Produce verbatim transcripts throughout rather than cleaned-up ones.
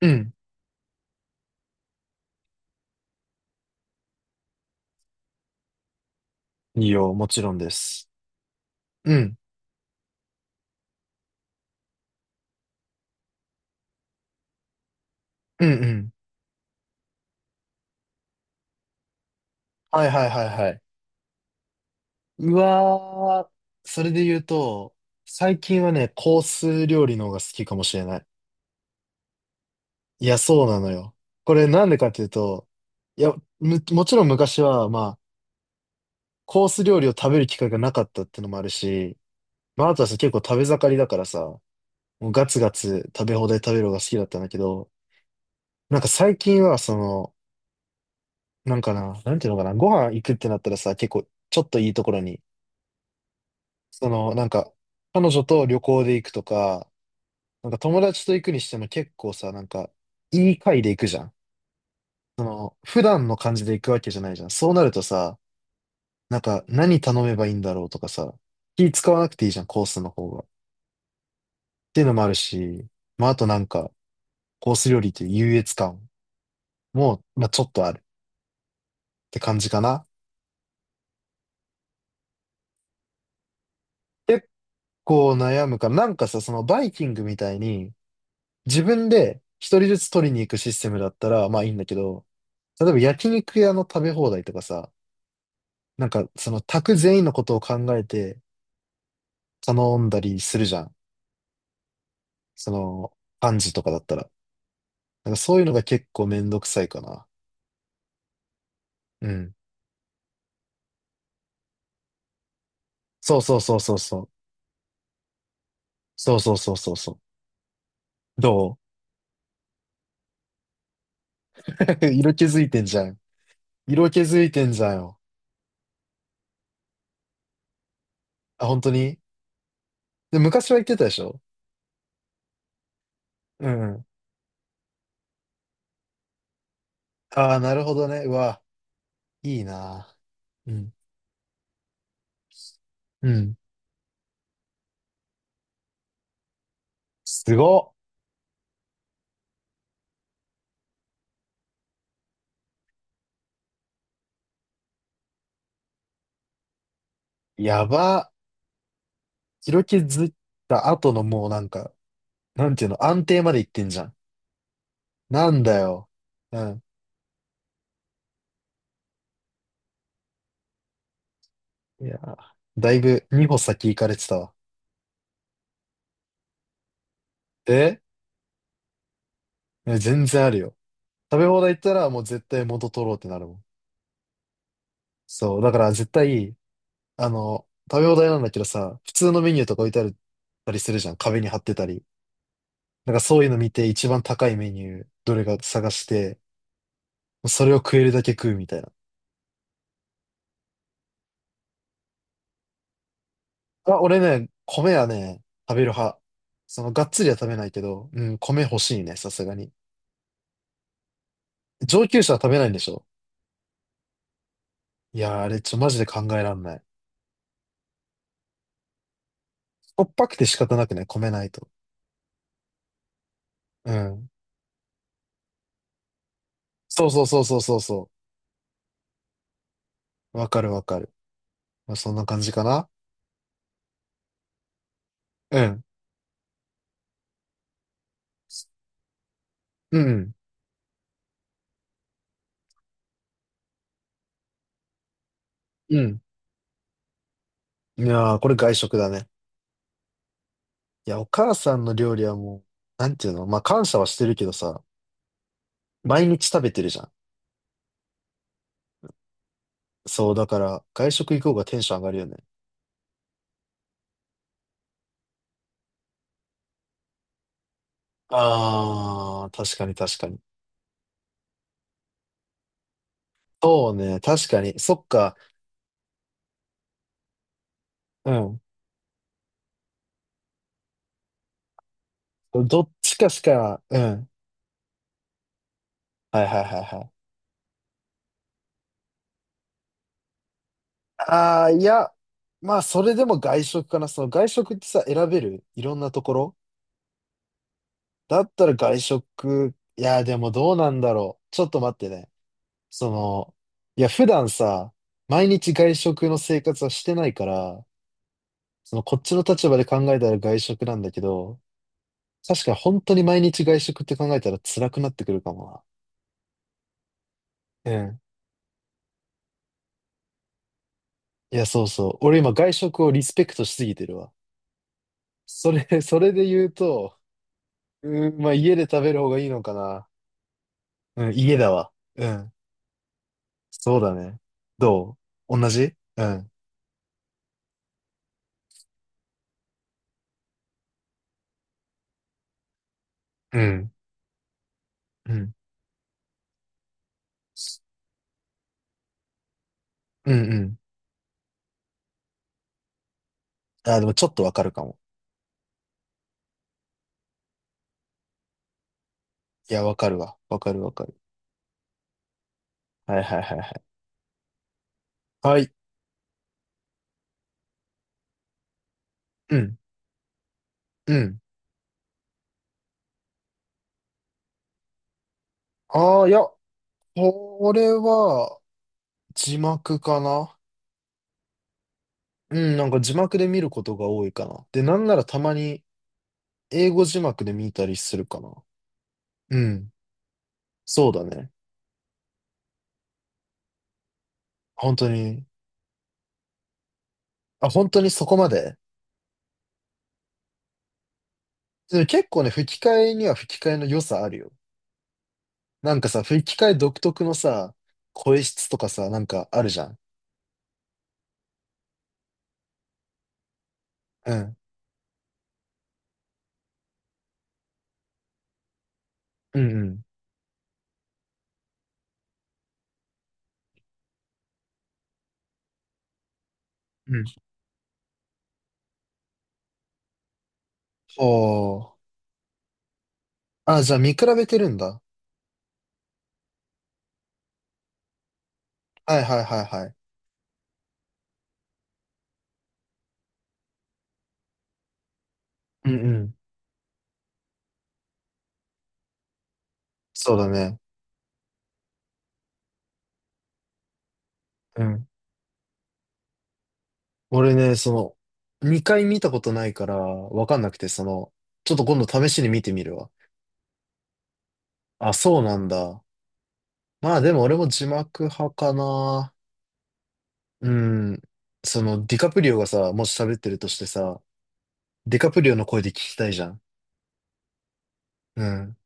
うん。いいよ、もちろんです。うん、うん、うん。はいはいはいはい。うわー、それで言うと、最近はね、コース料理の方が好きかもしれない。いや、そうなのよ。これなんでかっていうと、いや、む、もちろん昔は、まあ、コース料理を食べる機会がなかったってのもあるし、まあ、あとはさ、結構食べ盛りだからさ、もうガツガツ食べ放題食べるのが好きだったんだけど、なんか最近は、その、なんかな、なんていうのかな、ご飯行くってなったらさ、結構、ちょっといいところに、その、なんか、彼女と旅行で行くとか、なんか友達と行くにしても結構さ、なんか、いい回で行くじゃん。その、普段の感じで行くわけじゃないじゃん。そうなるとさ、なんか、何頼めばいいんだろうとかさ、気使わなくていいじゃん、コースの方が。っていうのもあるし、まあ、あとなんか、コース料理っていう優越感も、まあ、ちょっとあるって感じかな。結構悩むから、なんかさ、そのバイキングみたいに、自分で一人ずつ取りに行くシステムだったら、まあいいんだけど、例えば焼肉屋の食べ放題とかさ、なんかその宅全員のことを考えて頼んだりするじゃん。その、パンジとかだったら。なんかそういうのが結構めんどくさいかな。うん。そうそうそうそうそう。そうそうそうそうそう。どう 色気づいてんじゃん。色気づいてんじゃんよ。あ、本当に。で、昔は言ってたでしょ。うんうん。ああ、なるほどね。うわ、いいな。うん。うん。すごっ。やば。広気ずった後のもうなんか、なんていうの、安定まで行ってんじゃん。なんだよ。うん。いやー、だいぶにほ歩先行かれてたわ。ええ全然あるよ。食べ放題行ったらもう絶対元取ろうってなるもん。そう。だから絶対、あの、食べ放題なんだけどさ、普通のメニューとか置いてあるたりするじゃん。壁に貼ってたり。なんかそういうの見て一番高いメニュー、どれか探して、それを食えるだけ食うみたいな。あ、俺ね、米はね、食べる派。その、がっつりは食べないけど、うん、米欲しいね、さすがに。上級者は食べないんでしょ。いやー、あれ、ちょ、マジで考えらんない。しょっぱくて仕方なくね、米ないと。うん。そうそうそうそうそうそう。わかるわかる。まあ、そんな感じかな。うん。うん。うん。いやー、これ外食だね。いや、お母さんの料理はもう、なんていうのまあ、感謝はしてるけどさ、毎日食べてるじゃん。そう、だから、外食行こうがテンション上がるよね。あー、確かに確かに。そうね、確かに。そっか。うん。どっちかしか、うん。はいはいはいはい。ああ、いや、まあ、それでも外食かな。その外食ってさ、選べるいろんなところだったら外食。いや、でもどうなんだろう。ちょっと待ってね。その、いや、普段さ、毎日外食の生活はしてないから、その、こっちの立場で考えたら外食なんだけど、確かに本当に毎日外食って考えたら辛くなってくるかもな。いや、そうそう。俺今外食をリスペクトしすぎてるわ。それ、それで言うと、うん、まあ家で食べる方がいいのかな。うん、家だわ。うん。そうだね。どう同じうん。うん。うん。うんうん。あ、でもちょっとわかるかも。いや、わかるわ。わかるわかる。はいはいはいはい。はい。うん。うん。ああ、いや、これは字幕かな。うん、なんか字幕で見ることが多いかな。で、なんならたまに英語字幕で見たりするかな。うん。そうだね。本当に。あ、本当にそこまで。でも結構ね、吹き替えには吹き替えの良さあるよ。なんかさ、吹き替え独特のさ、声質とかさ、なんかあるじゃん。うん。うんうん。うん。おー。あ、じゃあ見比べてるんだ。はいはいはいはい。うんうん。そうだね。うん。俺ね、その、にかい見たことないから、わかんなくて、その、ちょっと今度試しに見てみるわ。あ、そうなんだ。まあでも俺も字幕派かな。うん。その、ディカプリオがさ、もし喋ってるとしてさ、ディカプリオの声で聞きたいじゃん。うん。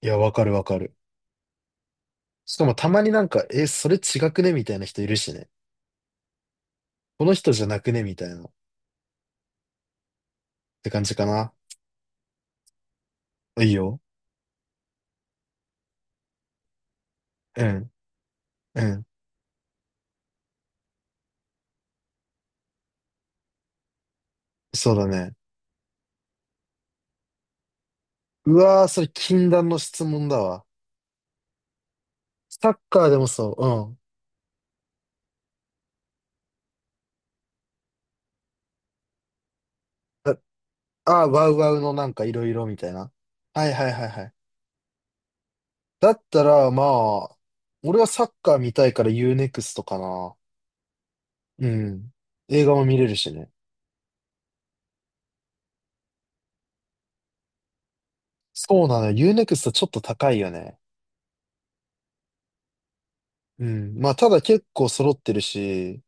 いや、わかるわかる。しかもたまになんか、え、それ違くねみたいな人いるしね。この人じゃなくねみたいな。って感じかな。いいよ。うん。うん。そうだね。うわー、それ禁断の質問だわ。サッカーでもそう。うん。あ、あ、ワウワウのなんかいろいろみたいな。はいはいはいはい。だったら、まあ、俺はサッカー見たいから ユーネクストかな。うん。映画も見れるしね。そうなのよ。u n ク x トちょっと高いよね。うん。まあ、ただ結構揃ってるし、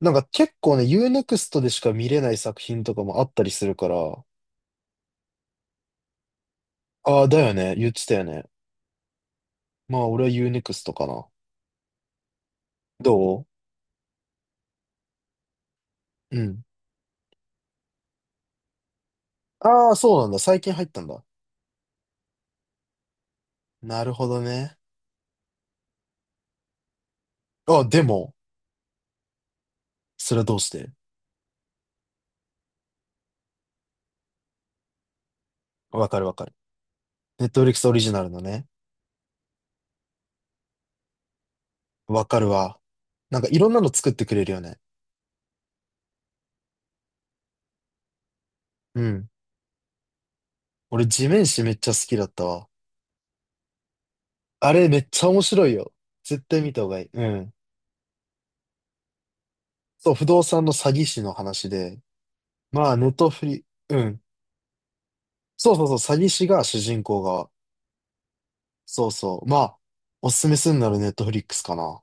なんか結構ね、u n ク x トでしか見れない作品とかもあったりするから、ああ、だよね。言ってたよね。まあ、俺は u n ク x トかな。どううん。ああ、そうなんだ。最近入ったんだ。なるほどね。あ、でも、それはどうして。わかるわかる。ネットフリックス オリジナルのね。わかるわ。なんかいろんなの作ってくれるよね。うん。俺、地面師めっちゃ好きだったわ。あれめっちゃ面白いよ。絶対見た方がいい。うん。そう、不動産の詐欺師の話で。まあ、ネトフリ、うん。そうそうそう、詐欺師が主人公が。そうそう。まあ、おすすめするならネットフリックスかな。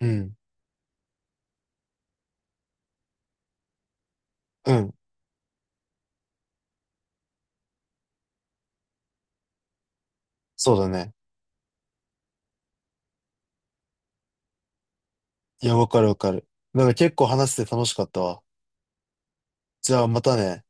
うん。うん。そうだね。いや、わかるわかる。なんか結構話して楽しかったわ。じゃあまたね。